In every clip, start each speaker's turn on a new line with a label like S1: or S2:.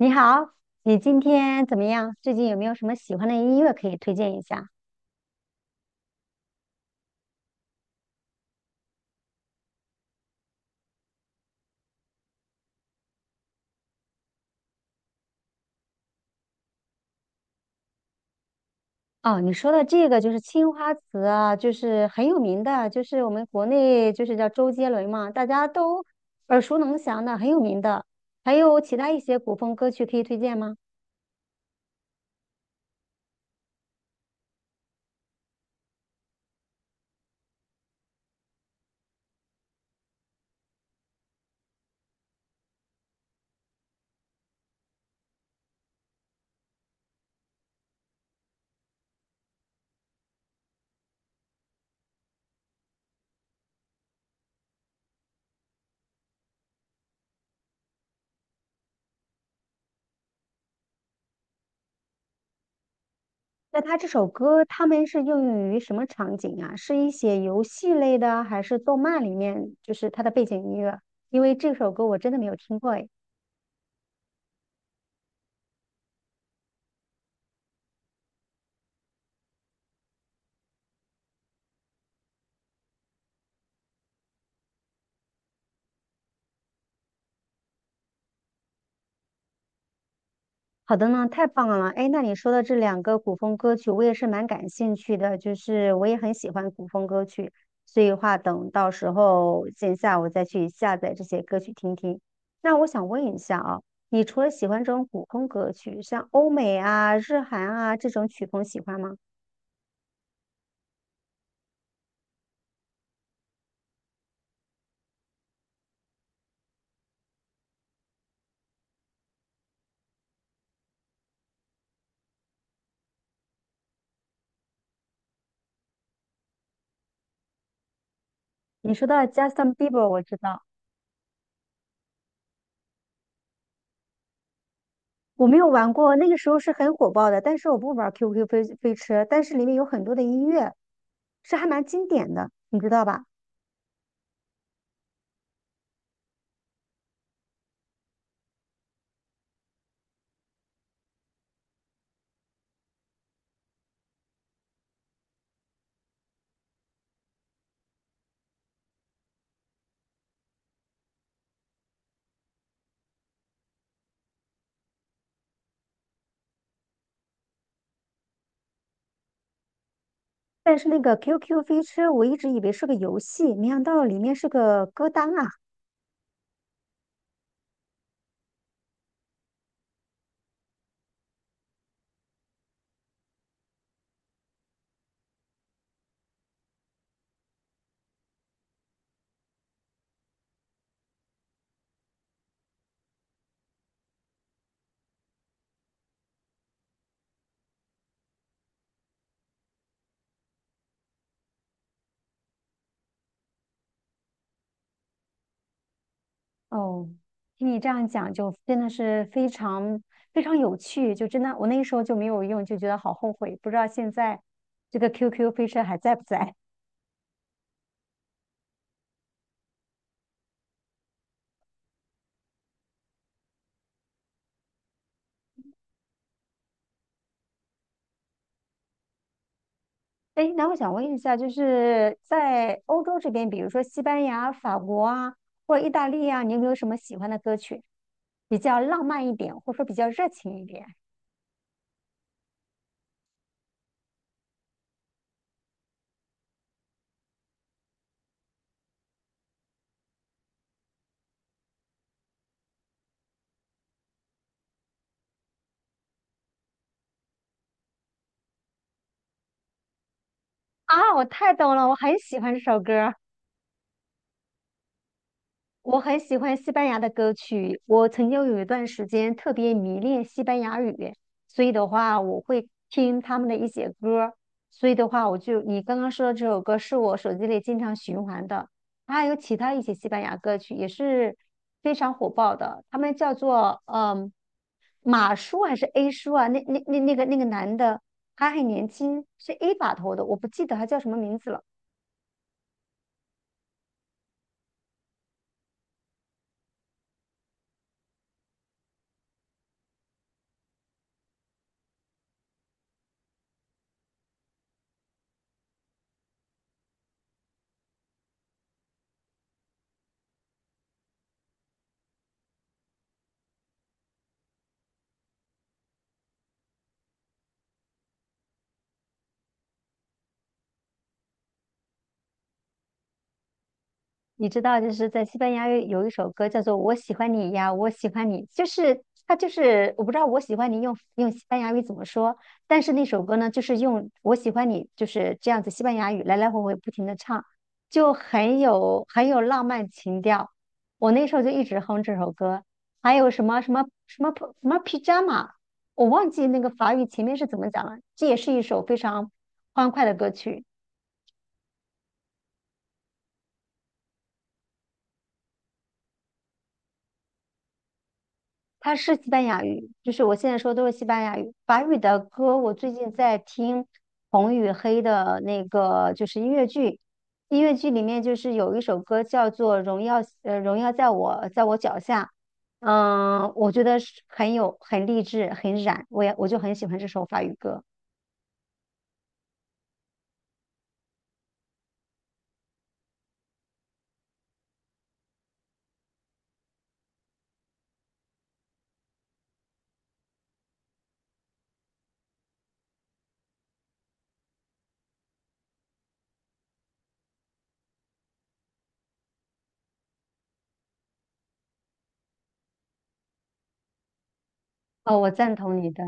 S1: 你好，你今天怎么样？最近有没有什么喜欢的音乐可以推荐一下？哦，你说的这个就是青花瓷啊，就是很有名的，就是我们国内就是叫周杰伦嘛，大家都耳熟能详的，很有名的。还有其他一些古风歌曲可以推荐吗？那他这首歌他们是应用于什么场景啊？是一些游戏类的，还是动漫里面就是它的背景音乐？因为这首歌我真的没有听过诶。好的呢，太棒了！哎，那你说的这两个古风歌曲，我也是蛮感兴趣的，就是我也很喜欢古风歌曲，所以的话，等到时候线下我再去下载这些歌曲听听。那我想问一下啊，你除了喜欢这种古风歌曲，像欧美啊、日韩啊这种曲风喜欢吗？你说到 Justin Bieber，我知道，我没有玩过，那个时候是很火爆的，但是我不玩 QQ 飞车，但是里面有很多的音乐，是还蛮经典的，你知道吧？但是那个 QQ 飞车，我一直以为是个游戏，没想到里面是个歌单啊！哦，听你这样讲，就真的是非常非常有趣，就真的我那时候就没有用，就觉得好后悔，不知道现在这个 QQ 飞车还在不在。哎，那我想问一下，就是在欧洲这边，比如说西班牙、法国啊，或者意大利啊，你有没有什么喜欢的歌曲，比较浪漫一点，或者说比较热情一点？啊，我太懂了，我很喜欢这首歌。我很喜欢西班牙的歌曲，我曾经有一段时间特别迷恋西班牙语，所以的话我会听他们的一些歌儿，所以的话我就你刚刚说的这首歌是我手机里经常循环的，还有其他一些西班牙歌曲也是非常火爆的，他们叫做马叔还是 A 叔啊？那个男的他很年轻，是 A 把头的，我不记得他叫什么名字了。你知道，就是在西班牙语有一首歌叫做《我喜欢你呀，我喜欢你》，就是它就是我不知道"我喜欢你用"用西班牙语怎么说，但是那首歌呢，就是用"我喜欢你"就是这样子西班牙语来来回回不停的唱，就很有很有浪漫情调。我那时候就一直哼这首歌，还有什么 pajama，我忘记那个法语前面是怎么讲了，这也是一首非常欢快的歌曲。它是西班牙语，就是我现在说的都是西班牙语。法语的歌，我最近在听红与黑的那个，就是音乐剧。音乐剧里面就是有一首歌叫做《荣耀》，《荣耀在我脚下》。嗯，我觉得是很有很励志，很燃，我就很喜欢这首法语歌。哦，我赞同你的。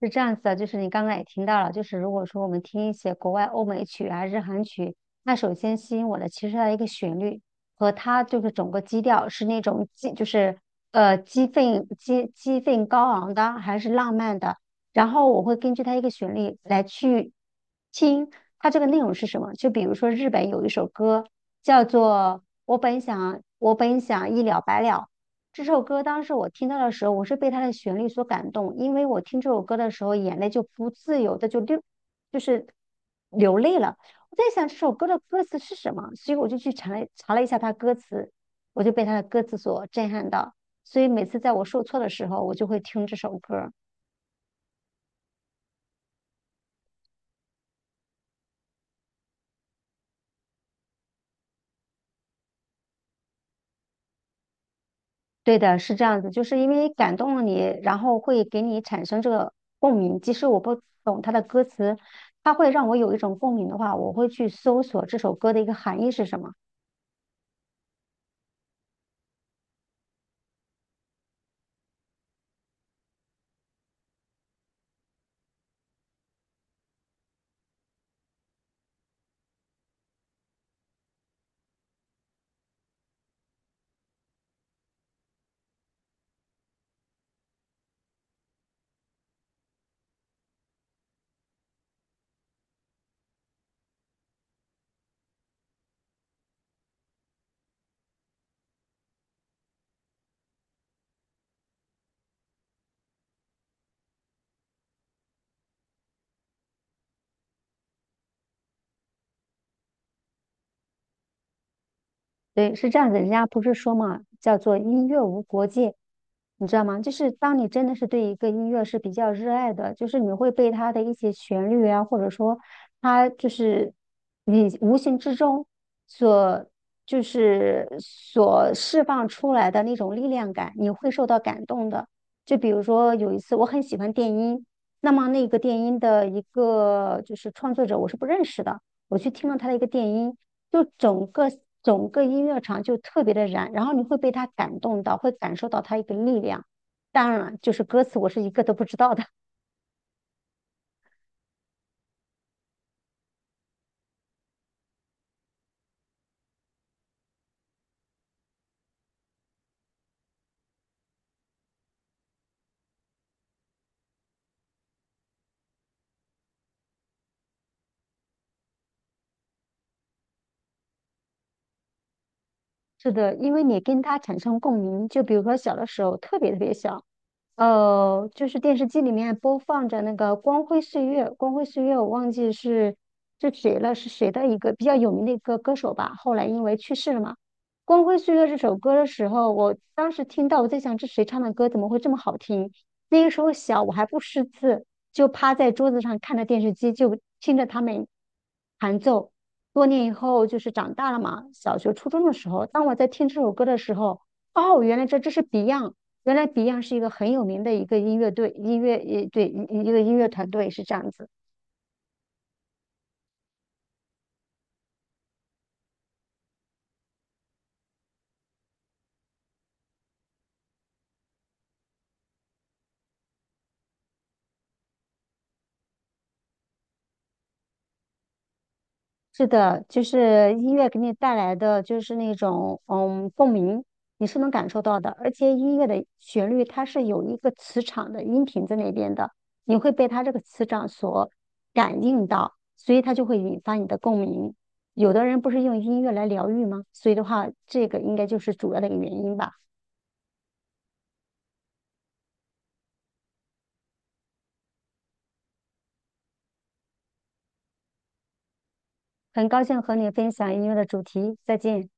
S1: 是这样子的，就是你刚刚也听到了，就是如果说我们听一些国外欧美曲啊、日韩曲，那首先吸引我的其实它的一个旋律和它就是整个基调是那种激，就是激愤、激愤高昂的，还是浪漫的。然后我会根据它一个旋律来去听它这个内容是什么。就比如说日本有一首歌叫做《我本想一了百了》，这首歌当时我听到的时候，我是被它的旋律所感动，因为我听这首歌的时候，眼泪就不自由的就流，就是流泪了。我在想这首歌的歌词是什么，所以我就去查了一下它歌词，我就被它的歌词所震撼到。所以每次在我受挫的时候，我就会听这首歌。对的，是这样子，就是因为感动了你，然后会给你产生这个共鸣。即使我不懂它的歌词，它会让我有一种共鸣的话，我会去搜索这首歌的一个含义是什么。对，是这样子，人家不是说嘛，叫做音乐无国界，你知道吗？就是当你真的是对一个音乐是比较热爱的，就是你会被它的一些旋律啊，或者说它就是你无形之中所就是所释放出来的那种力量感，你会受到感动的。就比如说有一次我很喜欢电音，那么那个电音的一个就是创作者我是不认识的。我去听了他的一个电音，就整个音乐场就特别的燃，然后你会被他感动到，会感受到他一个力量。当然了，就是歌词我是一个都不知道的。是的，因为你跟他产生共鸣，就比如说小的时候特别特别小，就是电视机里面播放着那个《光辉岁月》，《光辉岁月》我忘记是谁了，是谁的一个比较有名的一个歌手吧，后来因为去世了嘛。《光辉岁月》这首歌的时候，我当时听到，我在想这谁唱的歌怎么会这么好听？那个时候小，我还不识字，就趴在桌子上看着电视机，就听着他们弹奏。多年以后，就是长大了嘛，小学、初中的时候，当我在听这首歌的时候，哦，原来这是 Beyond。原来 Beyond 是一个很有名的一个音乐队，音乐也对一个音乐团队是这样子。是的，就是音乐给你带来的就是那种共鸣，你是能感受到的。而且音乐的旋律它是有一个磁场的音频在那边的，你会被它这个磁场所感应到，所以它就会引发你的共鸣。有的人不是用音乐来疗愈吗？所以的话，这个应该就是主要的一个原因吧。很高兴和你分享音乐的主题，再见。